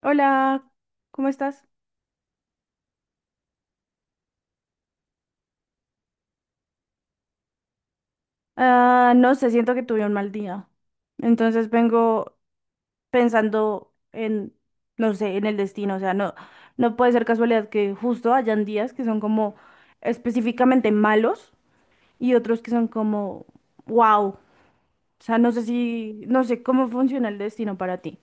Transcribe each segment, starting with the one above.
Hola, ¿cómo estás? Ah, no sé, siento que tuve un mal día. Entonces vengo pensando en, no sé, en el destino. O sea, no puede ser casualidad que justo hayan días que son como específicamente malos y otros que son como, wow. O sea, no sé si, no sé cómo funciona el destino para ti.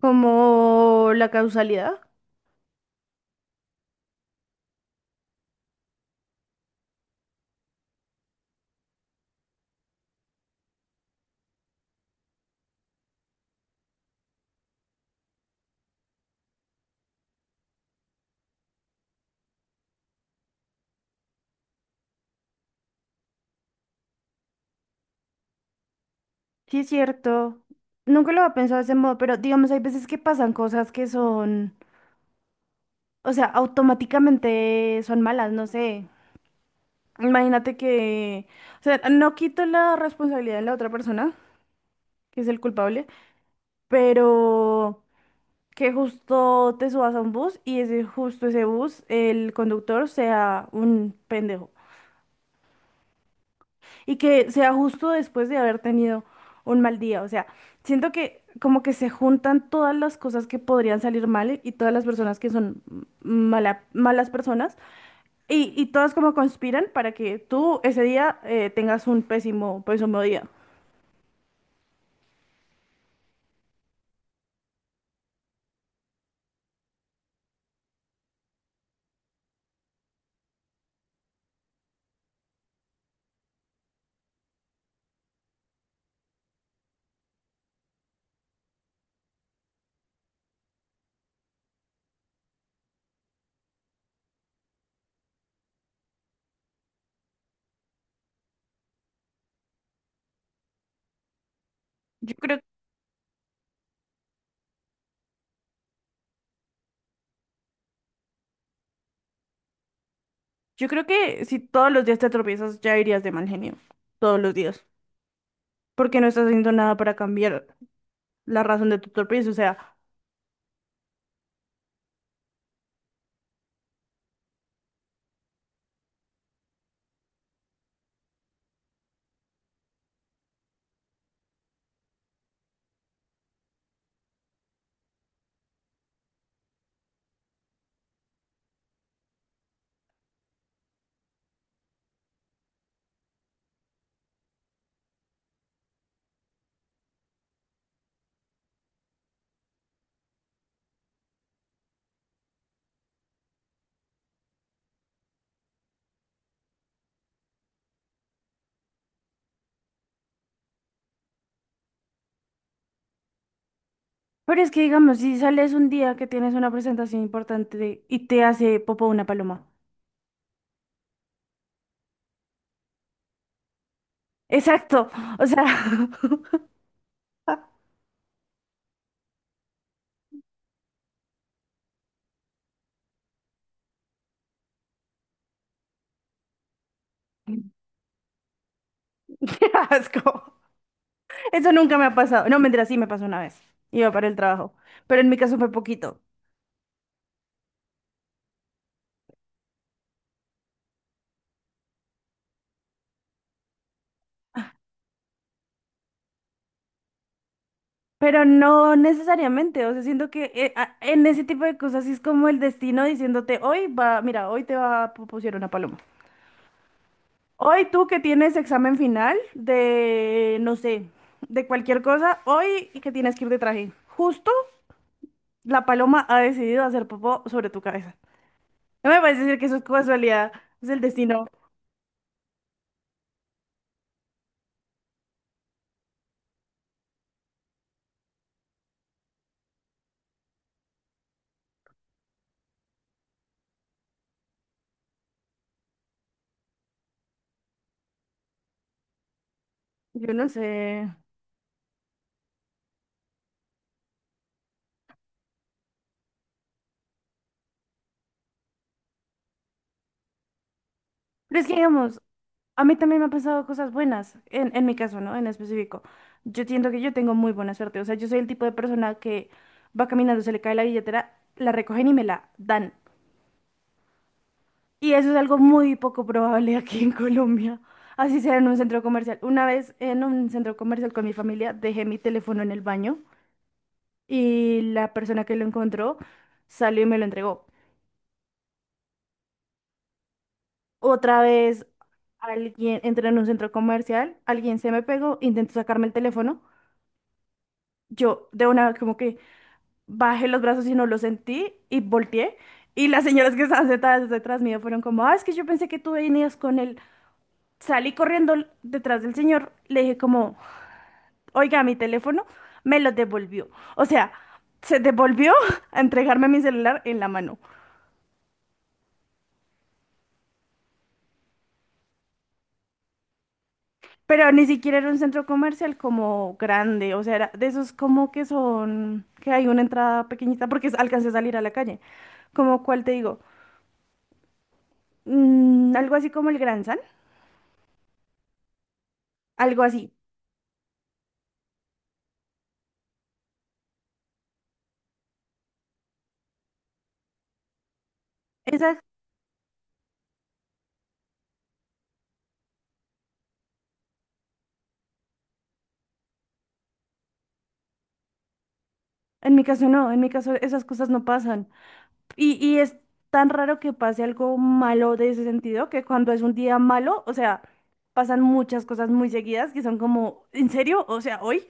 Como la causalidad. Sí, es cierto. Nunca lo había pensado de ese modo, pero digamos, hay veces que pasan cosas que son, o sea, automáticamente son malas, no sé. Imagínate que, o sea, no quito la responsabilidad de la otra persona, que es el culpable, pero que justo te subas a un bus y ese justo ese bus, el conductor sea un pendejo. Y que sea justo después de haber tenido un mal día. O sea, siento que como que se juntan todas las cosas que podrían salir mal y todas las personas que son malas personas. Y todas como conspiran para que tú ese día tengas un pésimo, pésimo día. Yo creo, yo creo que si todos los días te tropiezas, ya irías de mal genio. Todos los días. Porque no estás haciendo nada para cambiar la razón de tu tropiezo. O sea, pero es que digamos, si sales un día que tienes una presentación importante y te hace popo una paloma. Exacto. O sea, qué asco. Eso nunca me ha pasado. No, mentira, sí me pasó una vez. Iba para el trabajo. Pero en mi caso fue poquito. Pero no necesariamente, o sea, siento que en ese tipo de cosas sí es como el destino diciéndote, hoy va, mira, hoy te va a pusieron una paloma. Hoy tú que tienes examen final de, no sé, de cualquier cosa, hoy que tienes que ir de traje. Justo la paloma ha decidido hacer popó sobre tu cabeza. No me puedes decir que eso es casualidad, es el destino. Yo no sé. Pero es que digamos, a mí también me han pasado cosas buenas, en mi caso, ¿no? En específico. Yo siento que yo tengo muy buena suerte. O sea, yo soy el tipo de persona que va caminando, se le cae la billetera, la recogen y me la dan. Y eso es algo muy poco probable aquí en Colombia. Así sea en un centro comercial. Una vez en un centro comercial con mi familia dejé mi teléfono en el baño y la persona que lo encontró salió y me lo entregó. Otra vez alguien entré en un centro comercial, alguien se me pegó, intentó sacarme el teléfono. Yo de una como que bajé los brazos y no los sentí y volteé. Y las señoras que estaban sentadas detrás mío fueron como, ah, es que yo pensé que tú venías con él. Salí corriendo detrás del señor, le dije como, oiga, mi teléfono me lo devolvió. O sea, se devolvió a entregarme mi celular en la mano. Pero ni siquiera era un centro comercial como grande, o sea, era de esos como que son, que hay una entrada pequeñita porque alcancé a salir a la calle. Como cuál te digo, mm, algo así como el Gran San, algo así. En mi caso no, en mi caso esas cosas no pasan. Y es tan raro que pase algo malo de ese sentido, que cuando es un día malo, o sea, pasan muchas cosas muy seguidas que son como, ¿en serio? O sea, ¿hoy?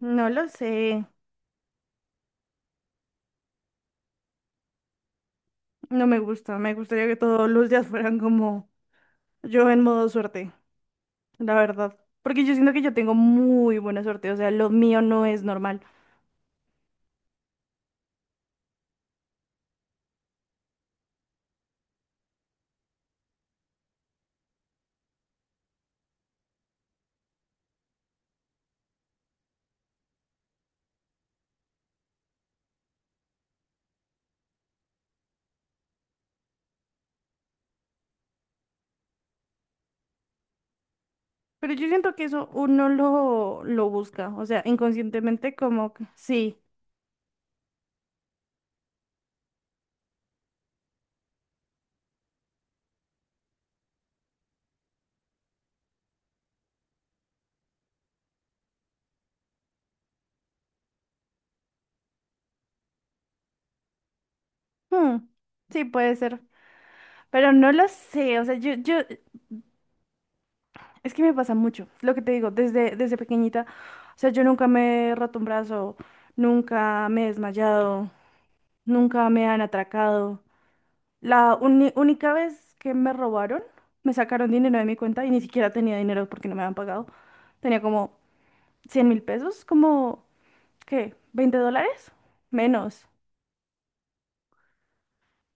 No lo sé, no me gusta, me gustaría que todos los días fueran como yo en modo suerte, la verdad. Porque yo siento que yo tengo muy buena suerte, o sea, lo mío no es normal. Pero yo siento que eso uno lo busca, o sea, inconscientemente como que sí, hmm, sí puede ser. Pero no lo sé, o sea, es que me pasa mucho, lo que te digo, desde pequeñita, o sea, yo nunca me he roto un brazo, nunca me he desmayado, nunca me han atracado. La única vez que me robaron, me sacaron dinero de mi cuenta y ni siquiera tenía dinero porque no me habían pagado. Tenía como 100.000 pesos, como, ¿qué? ¿20 dólares? Menos.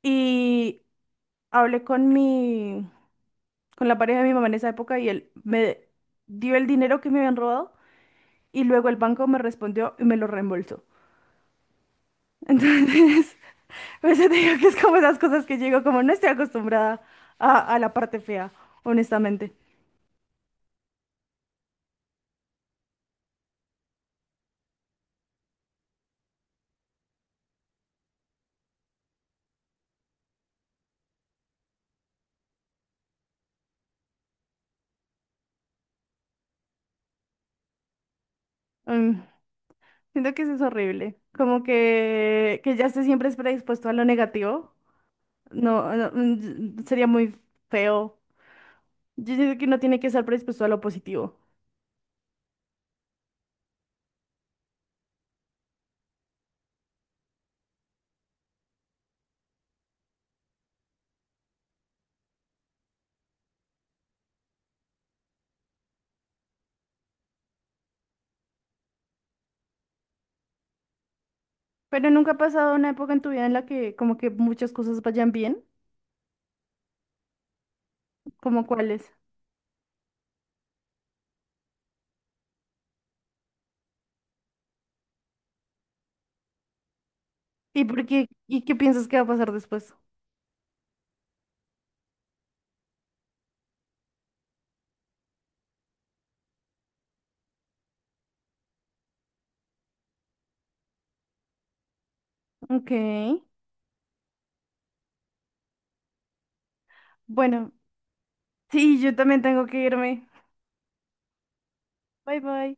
Y hablé con mi, con la pareja de mi mamá en esa época y él me dio el dinero que me habían robado. Y luego el banco me respondió y me lo reembolsó. Entonces, por eso te digo que es como esas cosas que llego, como no estoy acostumbrada a la parte fea, honestamente. Mm, siento que eso es horrible. Como que ya esté siempre es predispuesto a lo negativo. No, no, mm, sería muy feo. Yo siento que no tiene que estar predispuesto a lo positivo. Pero nunca ha pasado una época en tu vida en la que como que muchas cosas vayan bien, como cuáles. ¿Y por qué? ¿Y qué piensas que va a pasar después? Ok. Bueno, sí, yo también tengo que irme. Bye bye.